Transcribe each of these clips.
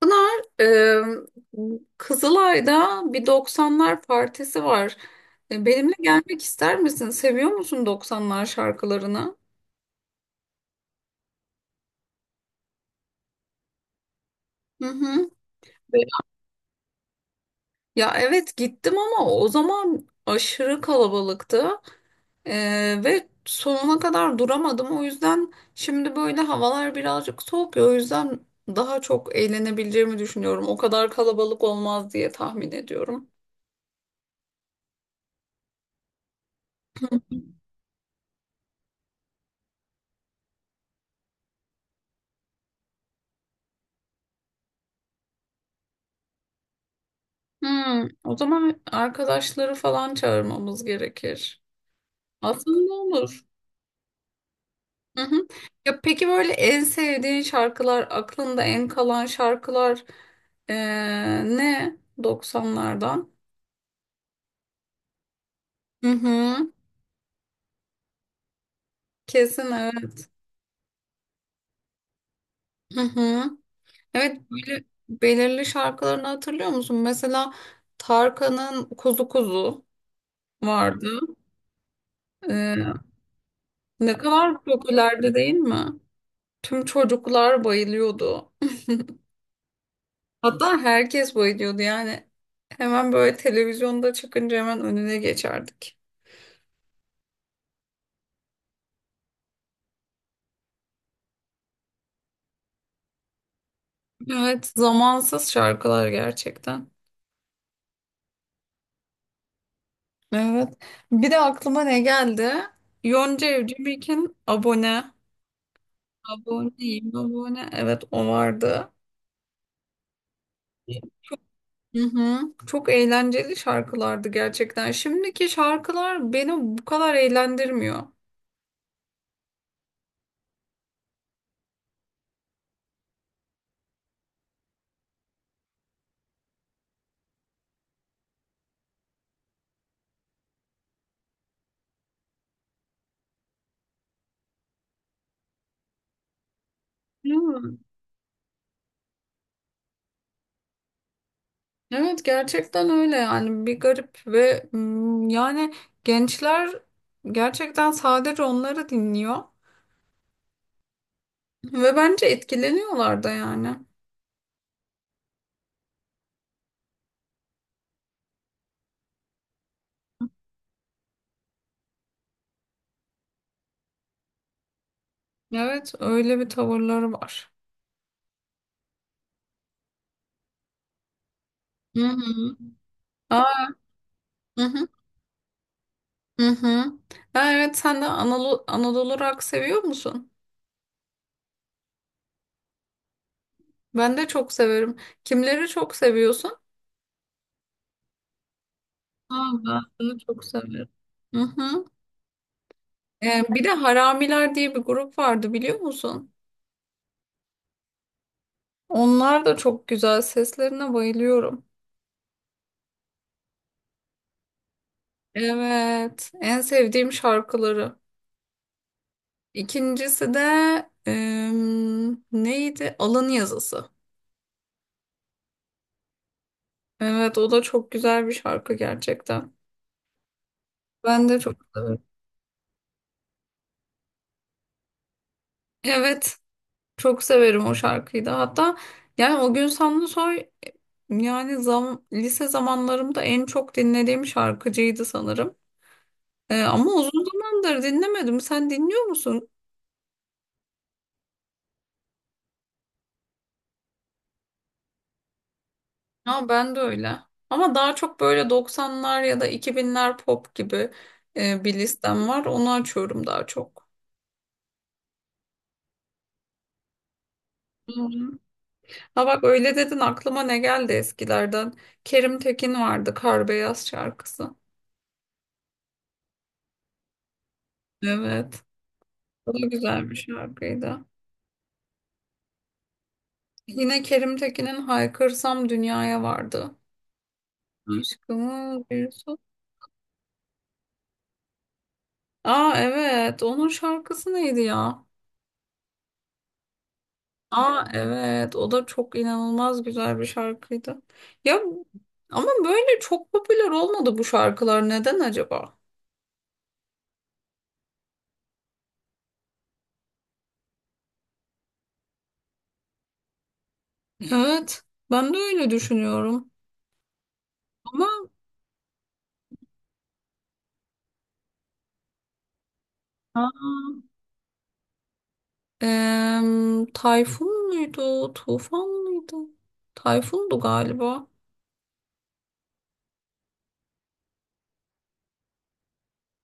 Pınar, Kızılay'da bir 90'lar partisi var. Benimle gelmek ister misin? Seviyor musun 90'lar şarkılarını? Hı hı. Ya evet, gittim ama o zaman aşırı kalabalıktı. E, ve sonuna kadar duramadım. O yüzden şimdi böyle havalar birazcık soğuk ya. O yüzden daha çok eğlenebileceğimi düşünüyorum. O kadar kalabalık olmaz diye tahmin ediyorum. Hmm, o zaman arkadaşları falan çağırmamız gerekir. Aslında olur. Hı hı. Ya peki, böyle en sevdiğin şarkılar, aklında en kalan şarkılar, eee, ne? Doksanlardan? Hı hı. Kesin evet. Hı hı. Evet, böyle belirli şarkılarını hatırlıyor musun? Mesela Tarkan'ın Kuzu Kuzu vardı. Eee, ne kadar popülerdi değil mi? Tüm çocuklar bayılıyordu. Hatta herkes bayılıyordu yani. Hemen böyle televizyonda çıkınca hemen önüne geçerdik. Evet, zamansız şarkılar gerçekten. Evet. Bir de aklıma ne geldi? Yonca Evcimik'in abone. Aboneyim, abone. Evet, o vardı. Hı hı. Çok eğlenceli şarkılardı gerçekten. Şimdiki şarkılar beni bu kadar eğlendirmiyor. Değil mi? Evet, gerçekten öyle, yani bir garip ve yani gençler gerçekten sadece onları dinliyor ve bence etkileniyorlar da yani. Evet, öyle bir tavırları var. Hı hı. Aa. Hı hı. Hı hı. Ha, evet, sen de Anadolu rock seviyor musun? Ben de çok severim. Kimleri çok seviyorsun? Aa, ben de çok severim. Hı hı. Bir de Haramiler diye bir grup vardı, biliyor musun? Onlar da çok güzel. Seslerine bayılıyorum. Evet, en sevdiğim şarkıları. İkincisi de neydi? Alın Yazısı. Evet, o da çok güzel bir şarkı gerçekten. Ben de çok severim. Evet, çok severim o şarkıyı da. Hatta yani o gün Samsunsoy, yani lise zamanlarımda en çok dinlediğim şarkıcıydı sanırım. Ama uzun zamandır dinlemedim. Sen dinliyor musun? Ha, ben de öyle. Ama daha çok böyle 90'lar ya da 2000'ler pop gibi, bir listem var. Onu açıyorum daha çok. Ha bak, öyle dedin aklıma ne geldi eskilerden. Kerim Tekin vardı, Kar Beyaz şarkısı. Evet. O da güzel bir şarkıydı. Yine Kerim Tekin'in Haykırsam Dünya'ya vardı. Aşkımız bir su. Aa evet, onun şarkısı neydi ya? Aa evet, o da çok inanılmaz güzel bir şarkıydı. Ya ama böyle çok popüler olmadı bu şarkılar, neden acaba? Evet, ben de öyle düşünüyorum. Ama Tayfun muydu? Tufan mıydı? Tayfundu galiba.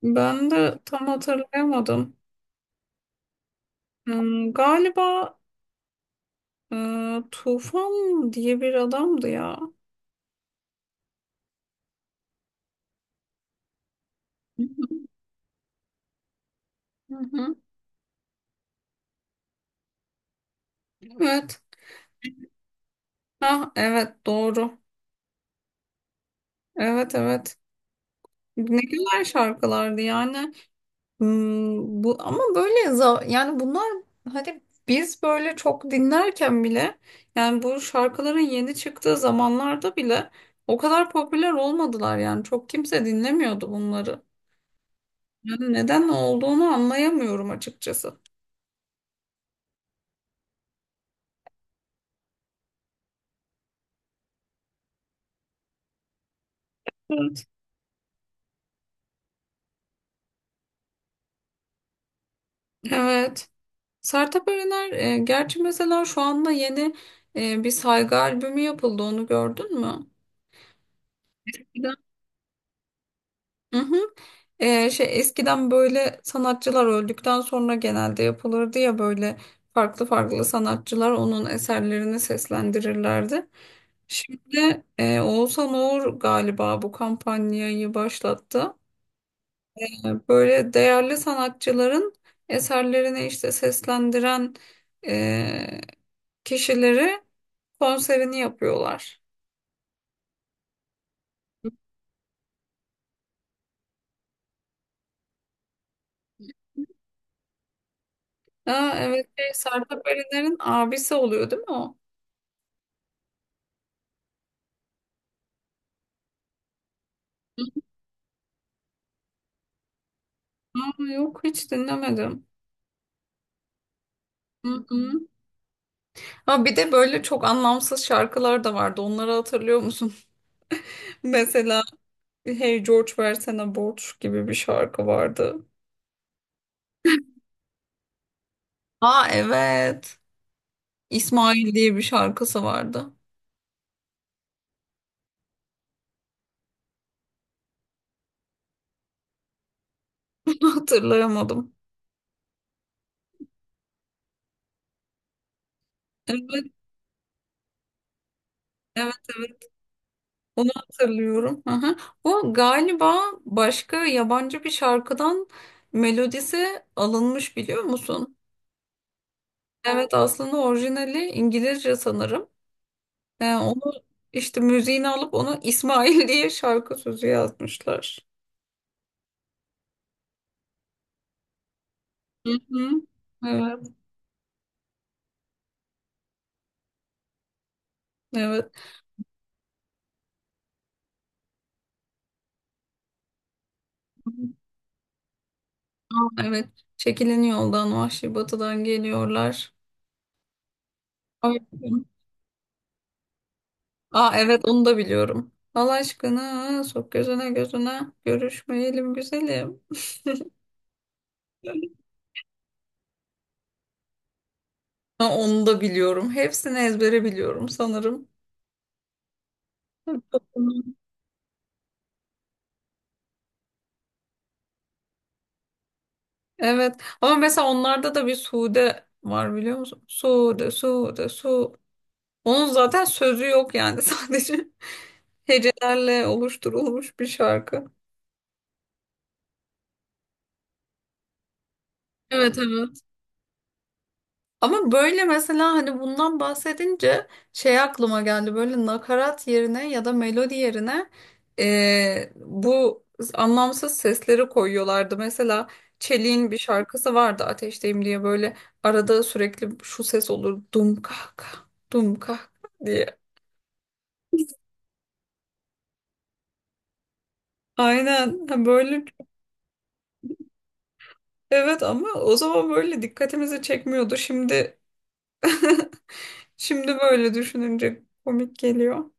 Ben de tam hatırlayamadım. Hmm, galiba Tufan diye bir adamdı ya. Hı hı. Evet. Ha, evet, doğru. Evet, evet. Ne güzel şarkılardı yani. Hmm, bu ama böyle yani bunlar, hani biz böyle çok dinlerken bile, yani bu şarkıların yeni çıktığı zamanlarda bile o kadar popüler olmadılar, yani çok kimse dinlemiyordu bunları. Yani neden olduğunu anlayamıyorum açıkçası. Evet. Evet. Sertab Erener, gerçi mesela şu anda yeni bir saygı albümü yapıldı, onu gördün mü? Hı hı. Şey, eskiden böyle sanatçılar öldükten sonra genelde yapılırdı ya, böyle farklı farklı sanatçılar onun eserlerini seslendirirlerdi. Şimdi Oğuzhan Uğur galiba bu kampanyayı başlattı. Böyle değerli sanatçıların eserlerini işte seslendiren e, kişileri, konserini yapıyorlar. Aa, evet şey, Sertab Erener'in abisi oluyor değil mi o? Aa, yok, hiç dinlemedim. Hı hı. Ha, bir de böyle çok anlamsız şarkılar da vardı. Onları hatırlıyor musun? Mesela Hey George versene borç gibi bir şarkı vardı. Aa evet. İsmail diye bir şarkısı vardı. Onu hatırlayamadım. Evet, evet, evet. Onu hatırlıyorum. Hı hı. O galiba başka yabancı bir şarkıdan melodisi alınmış, biliyor musun? Evet, aslında orijinali İngilizce sanırım. Yani onu işte müziğini alıp onu İsmail diye şarkı sözü yazmışlar. Hı hı. Evet, evet. Aa, evet. Çekilin yoldan, Vahşi Batı'dan geliyorlar. Ay. Aa evet, onu da biliyorum. Allah aşkına sok gözüne gözüne, görüşmeyelim güzelim. Ha, onu da biliyorum. Hepsini ezbere biliyorum sanırım. Evet. Ama mesela onlarda da bir Sude var, biliyor musun? Sude, Sude, Sude. Onun zaten sözü yok yani, sadece hecelerle oluşturulmuş bir şarkı. Evet, evet. Ama böyle mesela, hani bundan bahsedince şey aklıma geldi, böyle nakarat yerine ya da melodi yerine bu anlamsız sesleri koyuyorlardı. Mesela Çelik'in bir şarkısı vardı, Ateşteyim diye, böyle arada sürekli şu ses olur, dum kah kah dum kah kah diye. Aynen. Ha, böyle. Evet, ama o zaman böyle dikkatimizi çekmiyordu. Şimdi şimdi böyle düşününce komik geliyor.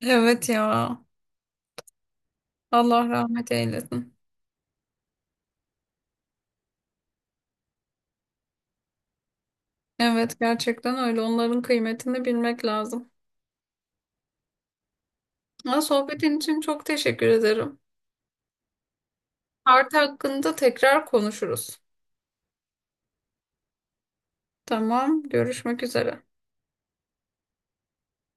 Evet ya. Allah rahmet eylesin. Evet, gerçekten öyle. Onların kıymetini bilmek lazım. Ha, sohbetin için çok teşekkür ederim. Artı hakkında tekrar konuşuruz. Tamam, görüşmek üzere.